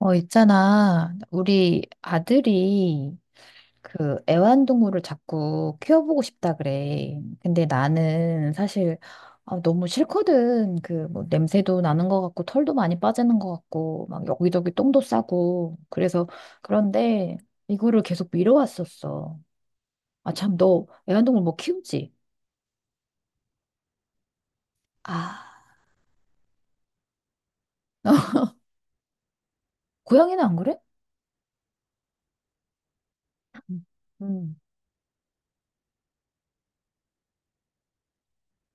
어, 있잖아. 우리 아들이 그 애완동물을 자꾸 키워보고 싶다 그래. 근데 나는 사실 아, 너무 싫거든. 그 뭐 냄새도 나는 것 같고 털도 많이 빠지는 것 같고 막 여기저기 똥도 싸고. 그래서 그런데 이거를 계속 미뤄왔었어. 아, 참, 너 애완동물 뭐 키우지? 아, 고양이는 안 그래? 음.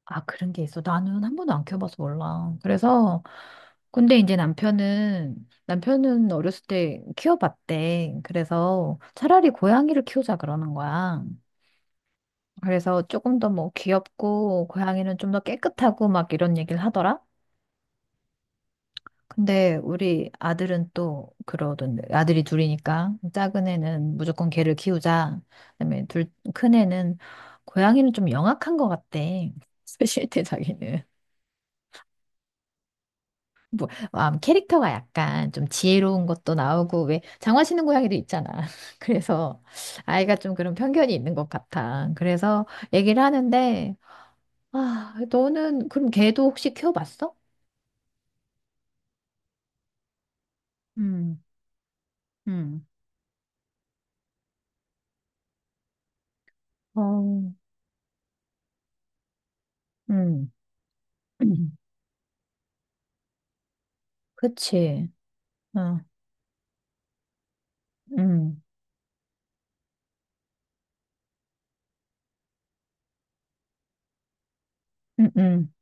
아, 그런 게 있어. 나는 한 번도 안 키워봐서 몰라. 그래서, 근데 이제 남편은, 남편은 어렸을 때 키워봤대. 그래서 차라리 고양이를 키우자 그러는 거야. 그래서 조금 더 뭐 귀엽고, 고양이는 좀 더 깨끗하고 막 이런 얘기를 하더라. 근데 우리 아들은 또 그러던데. 아들이 둘이니까. 작은 애는 무조건 개를 키우자. 그다음에 둘, 큰 애는 고양이는 좀 영악한 것 같대. 사실 때 자기는. 뭐, 캐릭터가 약간 좀 지혜로운 것도 나오고, 왜, 장화시는 고양이도 있잖아. 그래서 아이가 좀 그런 편견이 있는 것 같아. 그래서 얘기를 하는데, 아, 너는 그럼 걔도 혹시 키워봤어? 음, 음, 어, 음. 그치. 어, 음, 음, 음,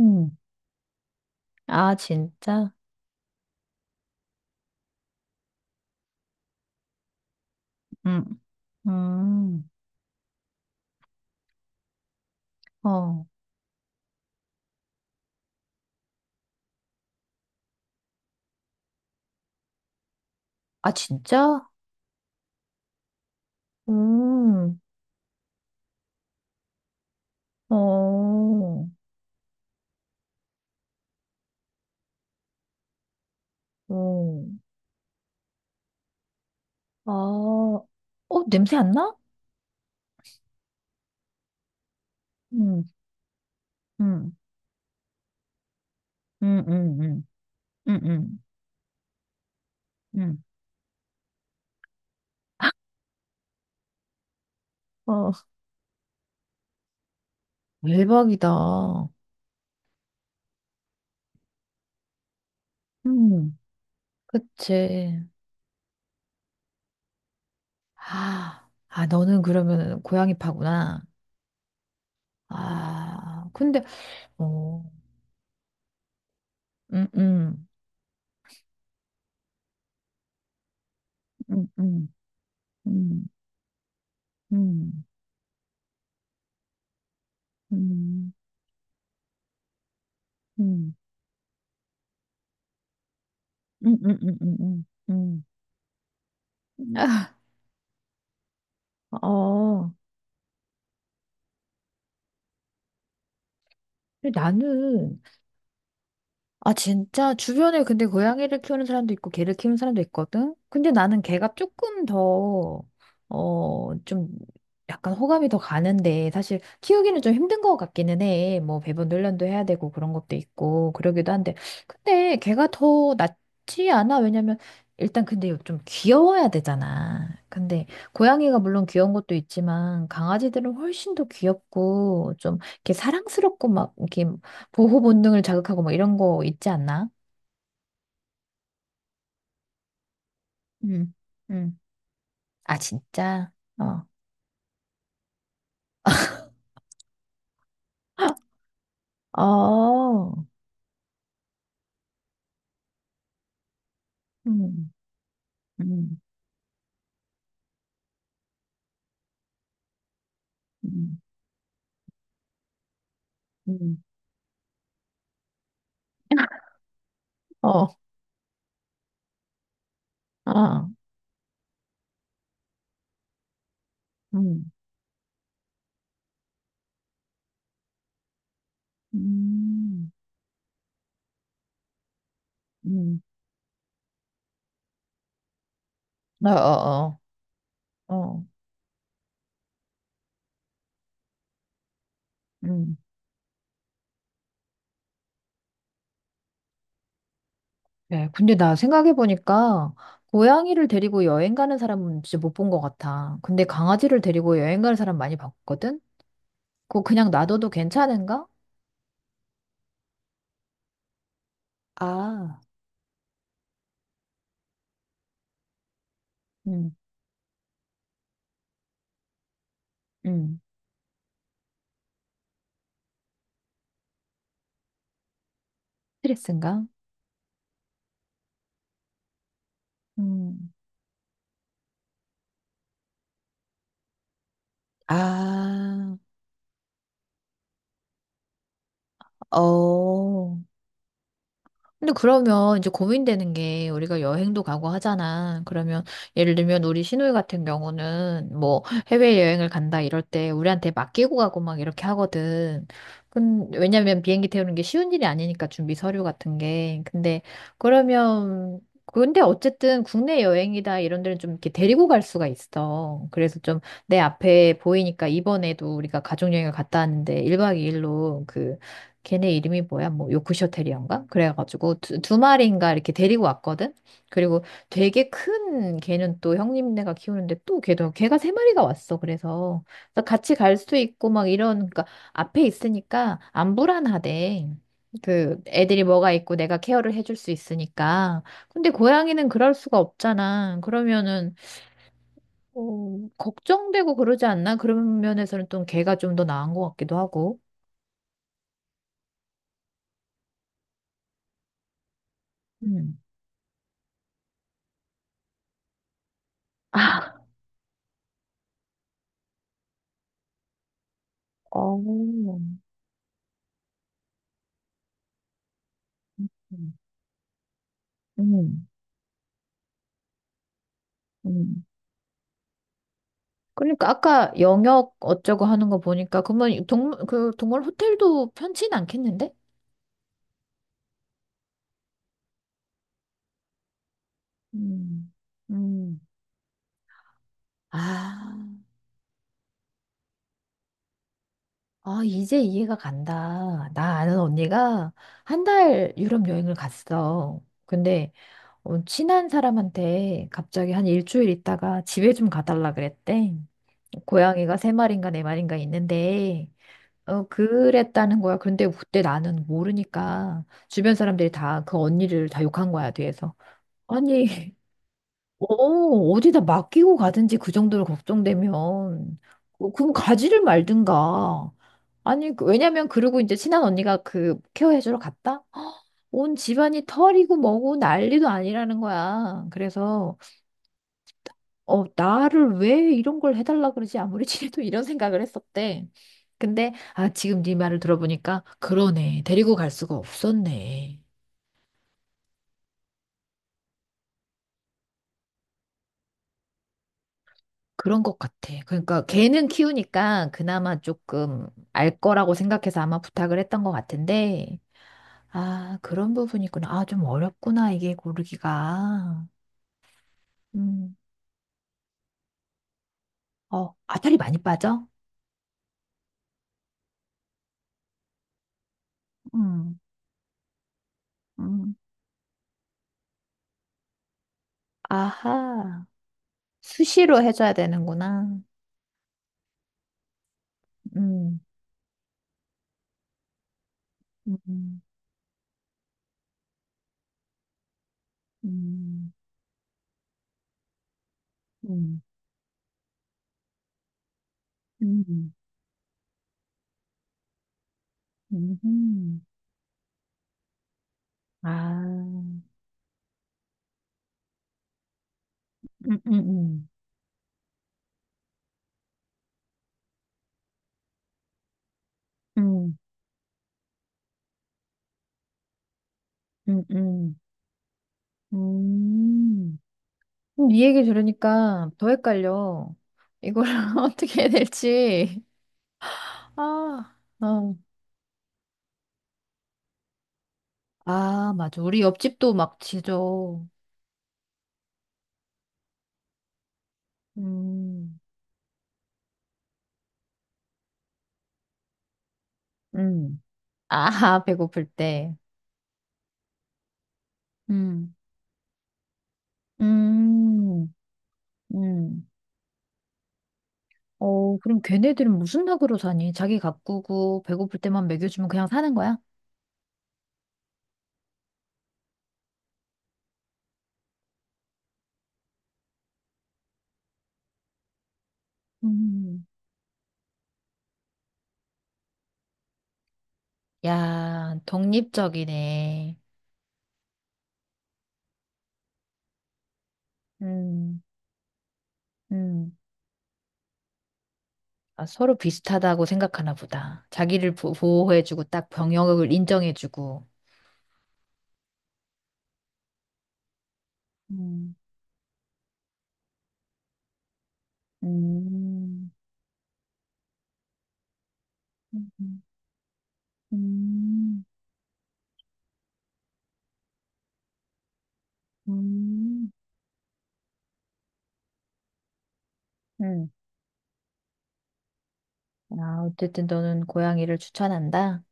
음. 아, 진짜? 음, 음. 어. 아, 진짜? 음, 어, 어. 아, 어, 냄새 안 나? 응 응 응응응 응응응 어, 대박이다. 음. 그치. 아, 아, 너는 그러면 고양이 파구나. 아, 근데, 어, 응 음, 음, 음, 음, 음, 음, 음, 음, 음, 음, 음, 음. 아, 어, 근데 나는 아, 진짜? 주변에 근데 고양이를 키우는 사람도 있고, 개를 키우는 사람도 있거든? 근데 나는 개가 조금 더, 어, 좀, 약간 호감이 더 가는데, 사실 키우기는 좀 힘든 것 같기는 해. 뭐, 배분 훈련도 해야 되고, 그런 것도 있고, 그러기도 한데. 근데 개가 더 낫지 않아? 왜냐면, 일단 근데 좀 귀여워야 되잖아. 근데 고양이가 물론 귀여운 것도 있지만 강아지들은 훨씬 더 귀엽고 좀 이렇게 사랑스럽고 막 이렇게 보호 본능을 자극하고 뭐 이런 거 있지 않나? 음, 음. 아, 진짜? 어. 어. 음. 음, 음, 음, 어. 어. 음, 음, 음, 어, 어, 어. 어. 음. 네, 근데 나 생각해보니까 고양이를 데리고 여행 가는 사람은 진짜 못 본 것 같아. 근데 강아지를 데리고 여행 가는 사람 많이 봤거든? 그거 그냥 놔둬도 괜찮은가? 아, 음, 음, 스트레스인가? 음. 아, 어. 근데 그러면 이제 고민되는 게 우리가 여행도 가고 하잖아. 그러면 예를 들면 우리 시누이 같은 경우는 뭐 해외여행을 간다 이럴 때 우리한테 맡기고 가고 막 이렇게 하거든. 근 왜냐면 비행기 태우는 게 쉬운 일이 아니니까 준비 서류 같은 게. 근데 그러면 근데 어쨌든 국내 여행이다 이런 데는 좀 이렇게 데리고 갈 수가 있어. 그래서 좀 내 앞에 보이니까 이번에도 우리가 가족여행을 갔다 왔는데 1박 2일로 걔네 이름이 뭐야? 뭐 요크셔 테리어인가? 그래가지고 두 마리인가 이렇게 데리고 왔거든. 그리고 되게 큰 걔는 또 형님네가 키우는데 또 걔도 걔가 세 마리가 왔어. 그래서, 그래서 같이 갈 수도 있고 막 이런 그러니까 앞에 있으니까 안 불안하대. 그 애들이 뭐가 있고 내가 케어를 해줄 수 있으니까. 근데 고양이는 그럴 수가 없잖아. 그러면은 어, 걱정되고 그러지 않나? 그런 면에서는 또 걔가 좀 더 나은 것 같기도 하고. 음. 아, 어. 음, 음. 음. 그러니까 아까 영역 어쩌고 하는 거 보니까 그러면 동물 그 동물 호텔도 편치는 않겠는데? 음. 음. 아, 아 이제 이해가 간다. 나 아는 언니가 한 달 유럽 여행을 갔어. 근데 어, 친한 사람한테 갑자기 한 일주일 있다가 집에 좀 가달라 그랬대. 고양이가 세 마리인가 네 마리인가 있는데 어, 그랬다는 거야. 그런데 그때 나는 모르니까 주변 사람들이 다 그 언니를 다 욕한 거야, 뒤에서. 아니, 어, 어디다 맡기고 가든지 그 정도로 걱정되면, 어, 그럼 가지를 말든가. 아니, 그- 왜냐면 그러고 이제 친한 언니가 그 케어해주러 갔다? 헉, 온 집안이 털이고 뭐고 난리도 아니라는 거야. 그래서 어, 나를 왜 이런 걸 해달라 그러지? 아무리 친해도 이런 생각을 했었대. 근데, 아, 지금 네 말을 들어보니까, 그러네. 데리고 갈 수가 없었네. 그런 것 같아. 그러니까 걔는 키우니까 그나마 조금 알 거라고 생각해서 아마 부탁을 했던 것 같은데, 아, 그런 부분이구나. 아, 좀 어렵구나. 이게 고르기가. 음, 어, 아다리 많이 빠져? 음, 음, 아하. 수시로 해줘야 되는구나. 음. 음. 음, 음, 음, 음, 아, 음, 음, 음, 음, 음. 음, 어, 이 얘기 들으니까 더 헷갈려. 이걸 어떻게 해야 될지. 아, 어. 아, 맞아. 우리 옆집도 막 지져. 음, 음. 아, 배고플 때. 음, 음, 음. 어, 그럼 걔네들은 무슨 낙으로 사니? 자기 가꾸고 배고플 때만 먹여주면 그냥 사는 거야? 음. 야, 독립적이네. 음, 음. 아, 서로 비슷하다고 생각하나 보다. 자기를 보, 호해주고딱 병역을 인정해주고. 음, 음, 음, 음, 음. 음. 아, 어쨌든 너는 고양이를 추천한다.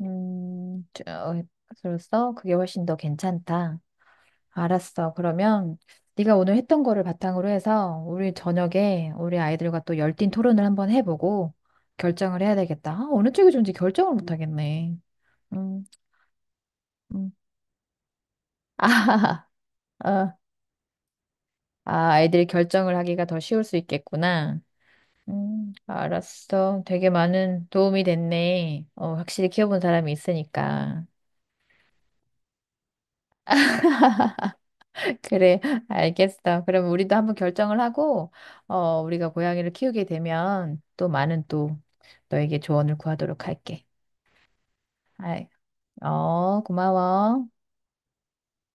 저, 어, 그래서 그게 훨씬 더 괜찮다. 알았어. 그러면 네가 오늘 했던 거를 바탕으로 해서 우리 저녁에 우리 아이들과 또 열띤 토론을 한번 해보고 결정을 해야 되겠다. 아, 어느 쪽이 좋은지 결정을 못 하겠네. 음, 음. 아, 아, 아, 아이들이 결정을 하기가 더 쉬울 수 있겠구나. 알았어. 되게 많은 도움이 됐네. 어, 확실히 키워본 사람이 있으니까. 그래, 알겠어. 그럼 우리도 한번 결정을 하고, 어, 우리가 고양이를 키우게 되면 또 많은 또 너에게 조언을 구하도록 할게. 아 어, 고마워.